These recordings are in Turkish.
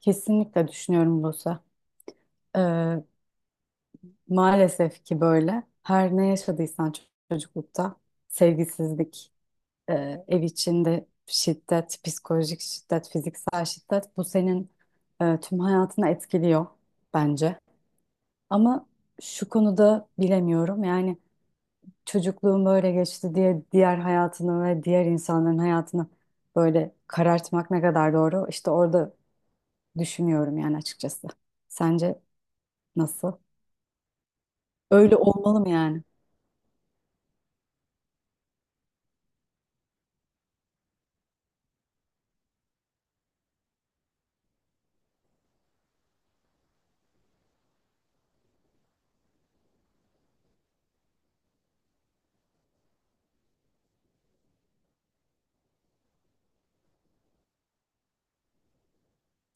Kesinlikle düşünüyorum Buse. Ee, Maalesef ki böyle. Her ne yaşadıysan çocuklukta sevgisizlik, ev içinde şiddet, psikolojik şiddet, fiziksel şiddet bu senin tüm hayatını etkiliyor bence. Ama şu konuda bilemiyorum. Yani çocukluğum böyle geçti diye diğer hayatını ve diğer insanların hayatını böyle karartmak ne kadar doğru? İşte orada düşünüyorum yani açıkçası. Sence nasıl? Öyle olmalı mı yani?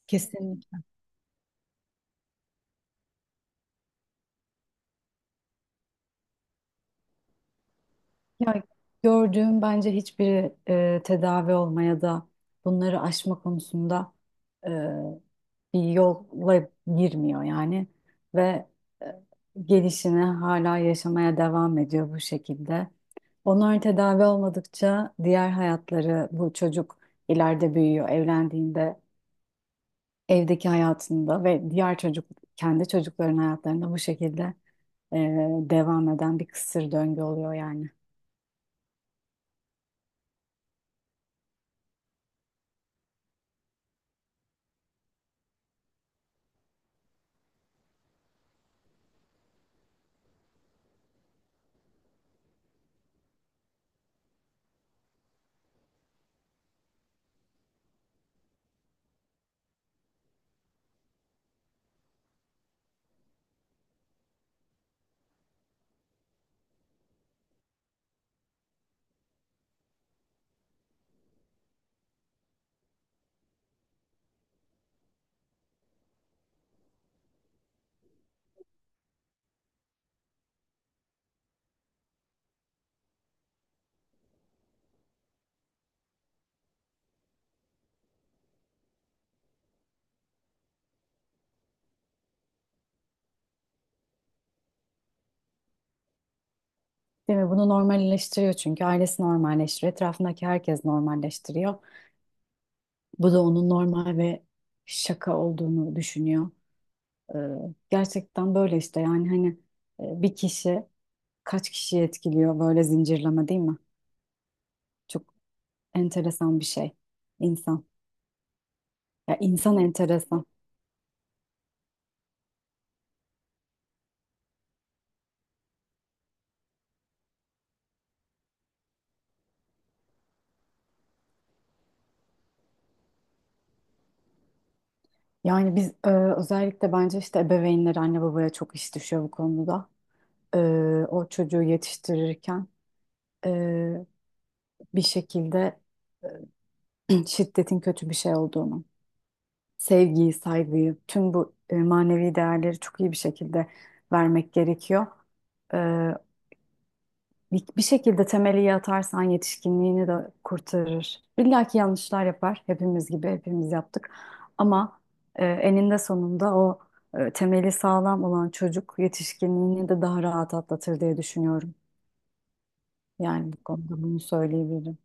Kesinlikle. Ya, gördüğüm bence hiçbiri tedavi olmaya da, bunları aşma konusunda e, bir yolla girmiyor yani. Ve e, gelişini hala yaşamaya devam ediyor bu şekilde. Onlar tedavi olmadıkça diğer hayatları, bu çocuk ileride büyüyor, evlendiğinde evdeki hayatında ve diğer çocuk, kendi çocukların hayatlarında bu şekilde e, devam eden bir kısır döngü oluyor yani. Değil mi? Bunu normalleştiriyor çünkü ailesi normalleştiriyor. Etrafındaki herkes normalleştiriyor. Bu da onun normal ve şaka olduğunu düşünüyor. Ee, Gerçekten böyle işte, yani hani, bir kişi kaç kişiyi etkiliyor böyle zincirleme, değil mi? Çok enteresan bir şey insan. Ya, insan enteresan. Yani biz, özellikle bence işte ebeveynler, anne babaya çok iş düşüyor bu konuda. e, O çocuğu yetiştirirken e, bir şekilde şiddetin kötü bir şey olduğunu, sevgiyi, saygıyı, tüm bu manevi değerleri çok iyi bir şekilde vermek gerekiyor. E, bir şekilde temeli iyi atarsan yetişkinliğini de kurtarır. İlla ki yanlışlar yapar, hepimiz gibi, hepimiz yaptık. Ama eninde sonunda o temeli sağlam olan çocuk yetişkinliğini de daha rahat atlatır diye düşünüyorum. Yani bu konuda bunu söyleyebilirim.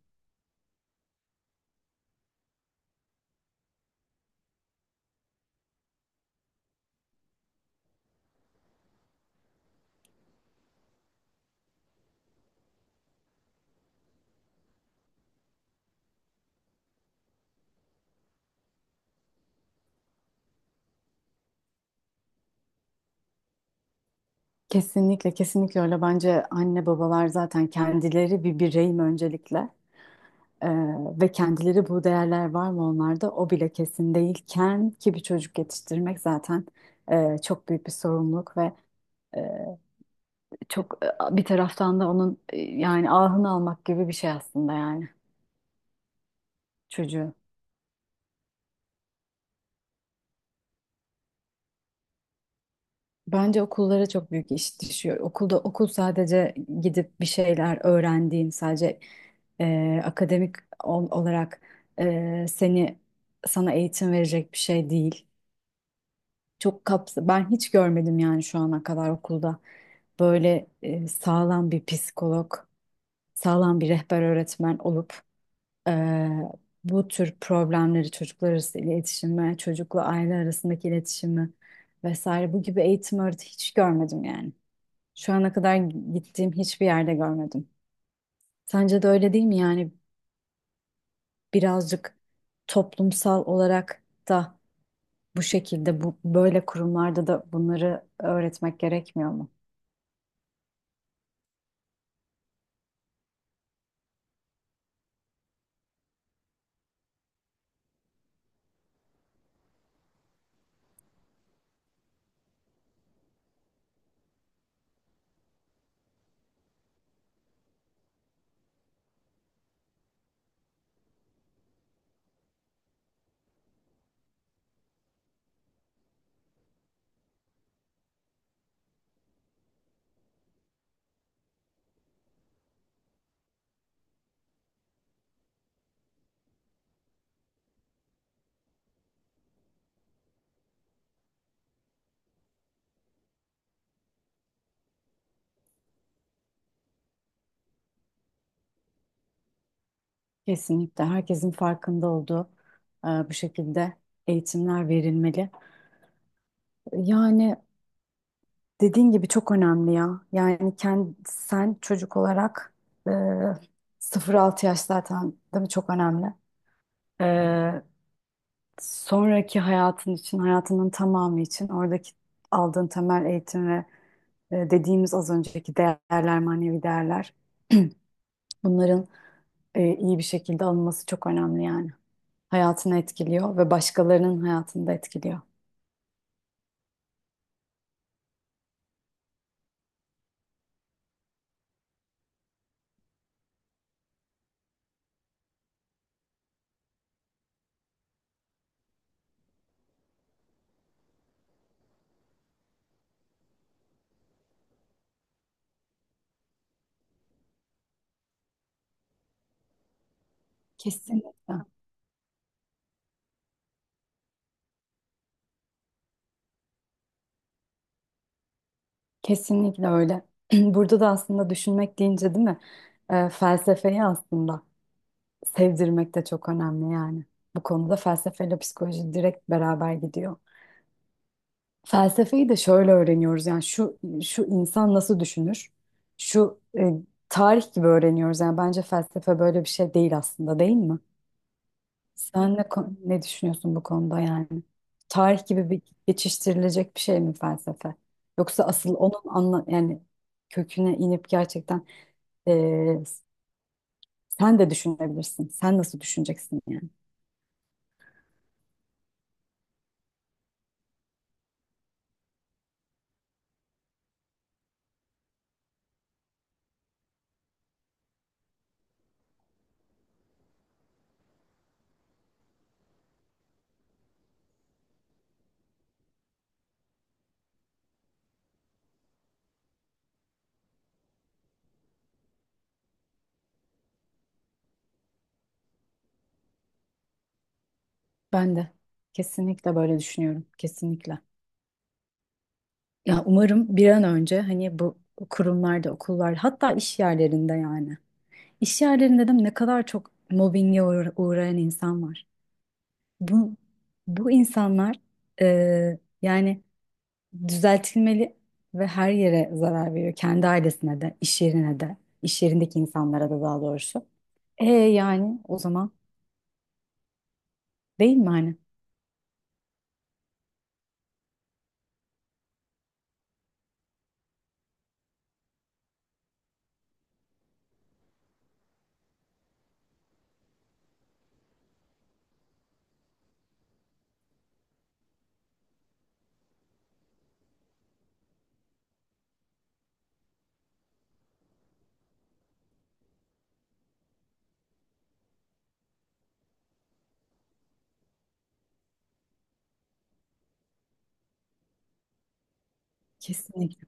Kesinlikle, kesinlikle öyle. Bence anne babalar zaten kendileri bir bireyim öncelikle. Ee, Ve kendileri, bu değerler var mı onlarda, o bile kesin değilken ki bir çocuk yetiştirmek zaten çok büyük bir sorumluluk ve e, bir taraftan da onun yani ahını almak gibi bir şey aslında, yani çocuğu. Bence okullara çok büyük iş düşüyor. Okulda, okul sadece gidip bir şeyler öğrendiğin, sadece akademik olarak seni, sana eğitim verecek bir şey değil. Çok kapsa ben hiç görmedim, yani şu ana kadar okulda böyle sağlam bir psikolog, sağlam bir rehber öğretmen olup e, bu tür problemleri, çocuklar arası iletişimi, çocukla aile arasındaki iletişimi vesaire, bu gibi eğitim öğreti hiç görmedim yani. Şu ana kadar gittiğim hiçbir yerde görmedim. Sence de öyle değil mi? Yani birazcık toplumsal olarak da, bu şekilde, bu böyle kurumlarda da bunları öğretmek gerekmiyor mu? Kesinlikle herkesin farkında olduğu, bu şekilde eğitimler verilmeli. Yani dediğin gibi çok önemli ya. Yani kendi, sen çocuk olarak e, 0-6 yaş, zaten değil mi? Çok önemli. E, Sonraki hayatın için, hayatının tamamı için oradaki aldığın temel eğitim ve dediğimiz az önceki değerler, manevi değerler, bunların iyi bir şekilde alınması çok önemli yani. Hayatını etkiliyor ve başkalarının hayatını da etkiliyor. Kesinlikle. Kesinlikle öyle. Burada da aslında düşünmek deyince, değil mi? Felsefeyi aslında sevdirmek de çok önemli yani. Bu konuda felsefeyle psikoloji direkt beraber gidiyor. Felsefeyi de şöyle öğreniyoruz, yani şu şu insan nasıl düşünür? Şu tarih gibi öğreniyoruz yani, bence felsefe böyle bir şey değil aslında, değil mi? Sen ne düşünüyorsun bu konuda yani? Tarih gibi bir geçiştirilecek bir şey mi felsefe? Yoksa asıl onun anla yani köküne inip gerçekten, e, sen de düşünebilirsin. Sen nasıl düşüneceksin yani? Ben de kesinlikle böyle düşünüyorum. Kesinlikle. Ya umarım bir an önce, hani bu kurumlarda, okullar, hatta iş yerlerinde yani. İş yerlerinde de ne kadar çok mobbinge uğrayan insan var. Bu bu insanlar, yani düzeltilmeli ve her yere zarar veriyor. Kendi ailesine de, iş yerine de, iş yerindeki insanlara da, daha doğrusu. Yani o zaman, değil mi hani? Kesinlikle.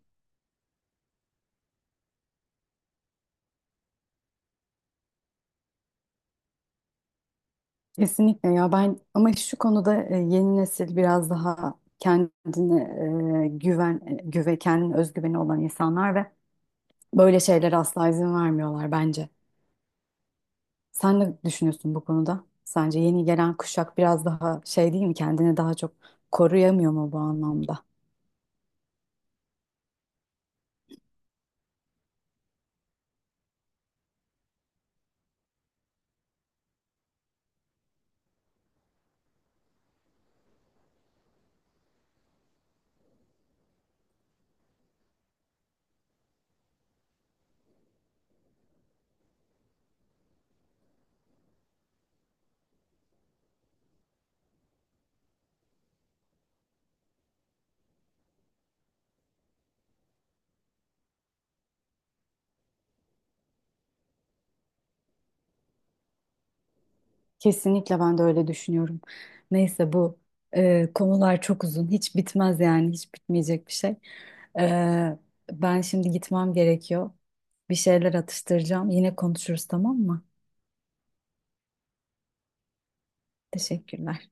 Kesinlikle ya. Ben ama şu konuda, yeni nesil biraz daha kendine e, güven e, güve kendine özgüveni olan insanlar ve böyle şeylere asla izin vermiyorlar bence. Sen ne düşünüyorsun bu konuda? Sence yeni gelen kuşak biraz daha şey, değil mi, kendini daha çok koruyamıyor mu bu anlamda? Kesinlikle ben de öyle düşünüyorum. Neyse, bu konular çok uzun, hiç bitmez yani, hiç bitmeyecek bir şey. Ee, Ben şimdi gitmem gerekiyor. Bir şeyler atıştıracağım. Yine konuşuruz, tamam mı? Teşekkürler.